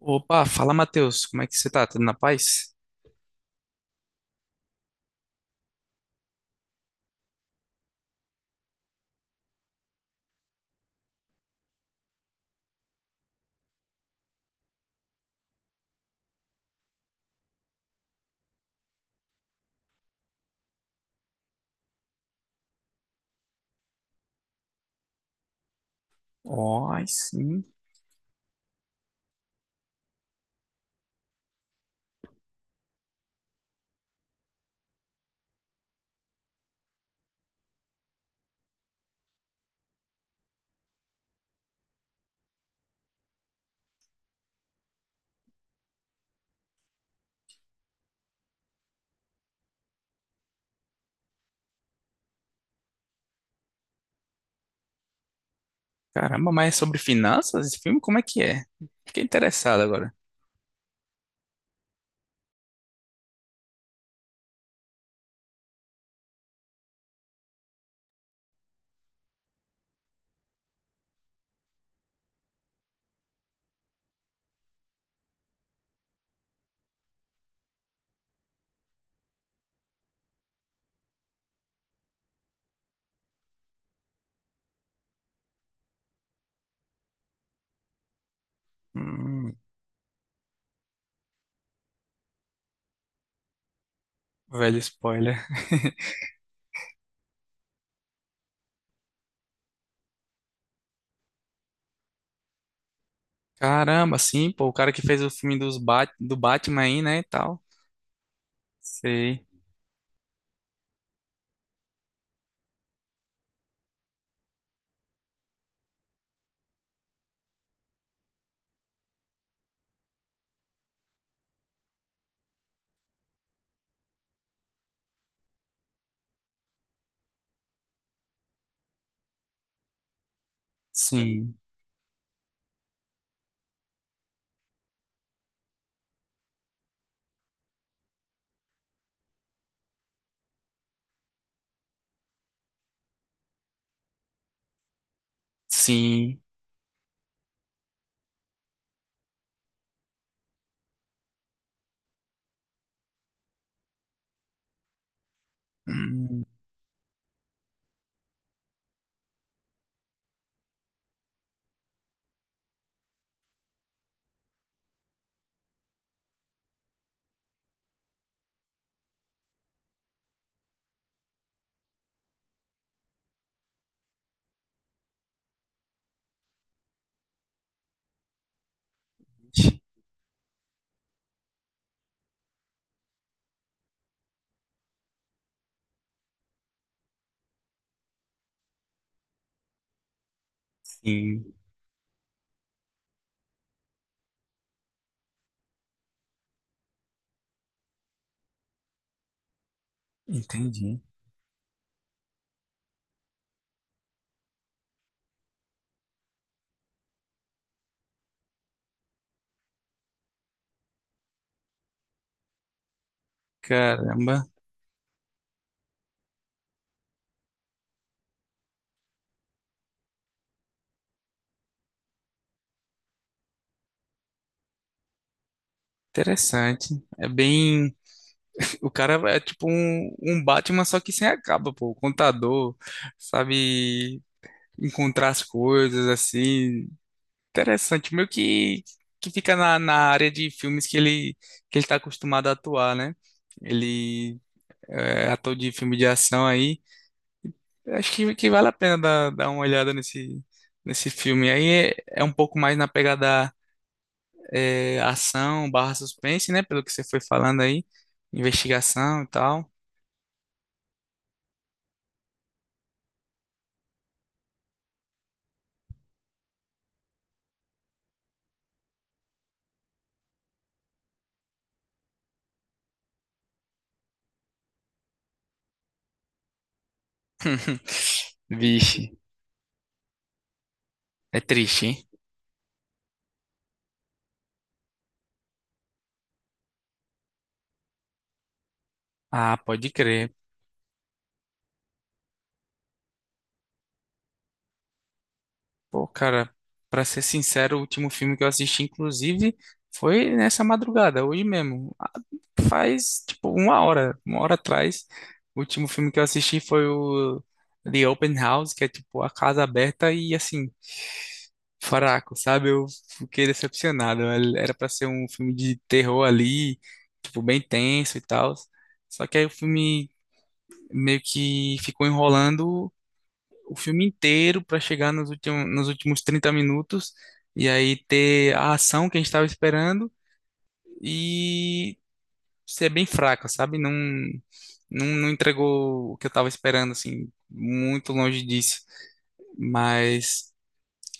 Opa, fala Matheus, como é que você tá? Tudo na paz? Ó, aí sim. Caramba, mas é sobre finanças esse filme? Como é que é? Fiquei interessado agora. Hum, velho spoiler. Caramba, sim, pô, o cara que fez o filme dos Batman aí, né, e tal. Sei. Sim, sim. Hum, sim, entendi. Caramba. Interessante. É bem. O cara é tipo um Batman, só que sem a capa, pô. Contador, sabe encontrar as coisas, assim. Interessante. Meio que fica na área de filmes que ele tá acostumado a atuar, né? Ele é ator de filme de ação aí. Eu acho que vale a pena dar uma olhada nesse filme. Aí é um pouco mais na pegada é, ação barra suspense, né? Pelo que você foi falando aí, investigação e tal. Vixe, é triste, hein? Ah, pode crer. Pô, cara, pra ser sincero, o último filme que eu assisti, inclusive, foi nessa madrugada, hoje mesmo. Faz tipo uma hora atrás. O último filme que eu assisti foi o The Open House, que é tipo a casa aberta e assim, fraco, sabe? Eu fiquei decepcionado. Era pra ser um filme de terror ali, tipo bem tenso e tal. Só que aí o filme meio que ficou enrolando o filme inteiro pra chegar nos últimos 30 minutos e aí ter a ação que a gente tava esperando. E ser bem fraca, sabe? Não, não, não entregou o que eu tava esperando, assim, muito longe disso. Mas,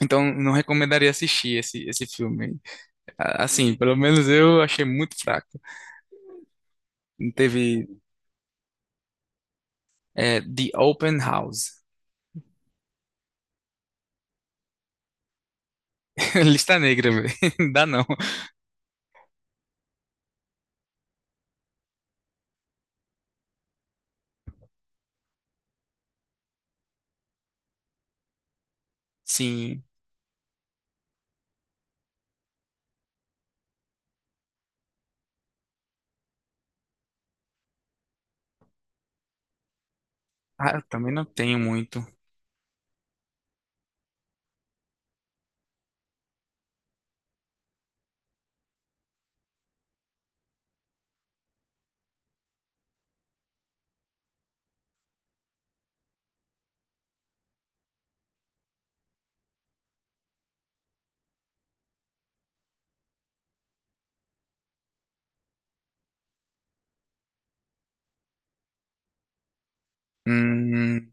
então, não recomendaria assistir esse filme. Assim, pelo menos eu achei muito fraco. Teve The Open House. Lista negra, velho. Dá não. Sim. Ah, eu também não tenho muito. Hum,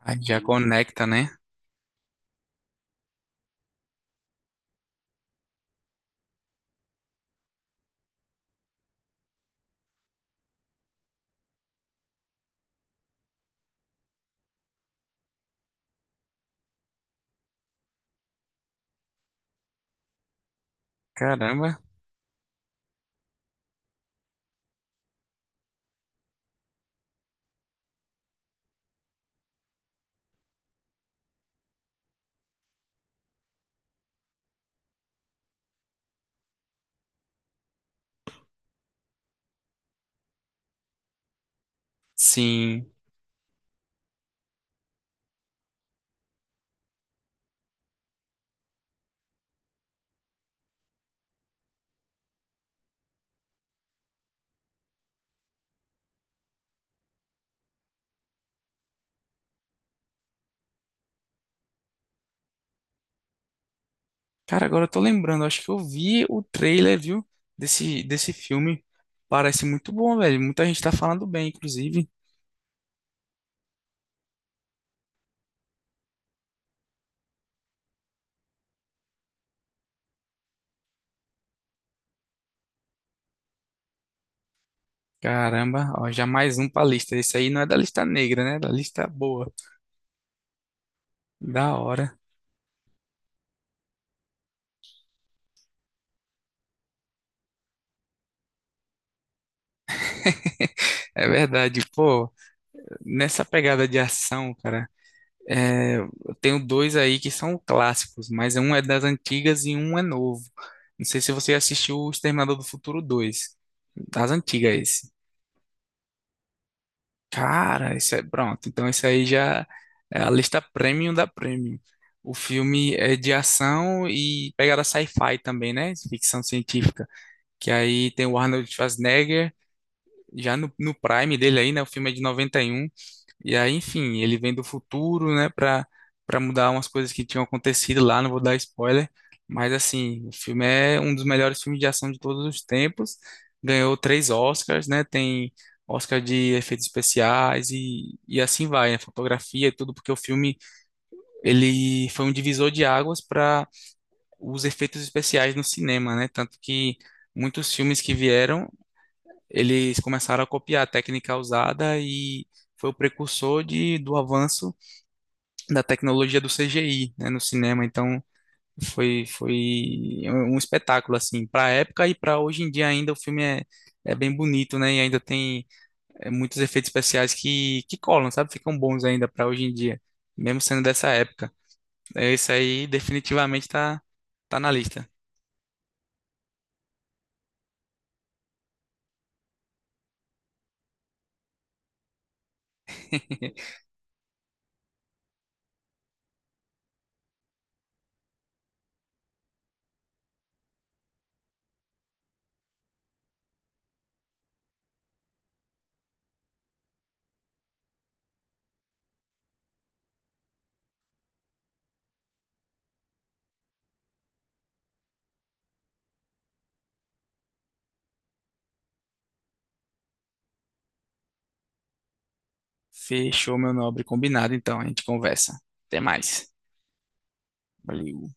ah, já conecta, né? Caramba. Sim. Cara, agora eu tô lembrando, acho que eu vi o trailer, viu, desse filme. Parece muito bom, velho. Muita gente tá falando bem, inclusive. Caramba, ó, já mais um pra lista. Esse aí não é da lista negra, né? É da lista boa. Da hora. É verdade, pô. Nessa pegada de ação, cara, eu tenho dois aí que são clássicos, mas um é das antigas e um é novo. Não sei se você assistiu O Exterminador do Futuro dois. Das antigas. Cara, isso é pronto. Então, isso aí já é a lista premium da premium. O filme é de ação e pegada sci-fi também, né? Ficção científica. Que aí tem o Arnold Schwarzenegger, já no prime dele aí, né? O filme é de 91 e aí, enfim, ele vem do futuro, né, pra mudar umas coisas que tinham acontecido lá, não vou dar spoiler, mas assim, o filme é um dos melhores filmes de ação de todos os tempos, ganhou três Oscars, né, tem Oscar de efeitos especiais e assim vai, né, fotografia e tudo, porque o filme, ele foi um divisor de águas para os efeitos especiais no cinema, né, tanto que muitos filmes que vieram, eles começaram a copiar a técnica usada e foi o precursor do avanço da tecnologia do CGI, né, no cinema. Então foi um espetáculo assim para a época e para hoje em dia ainda o filme é bem bonito, né? E ainda tem muitos efeitos especiais que colam, sabe? Ficam bons ainda para hoje em dia, mesmo sendo dessa época. É, isso aí definitivamente tá na lista. Fechou, meu nobre, combinado então, a gente conversa. Até mais. Valeu.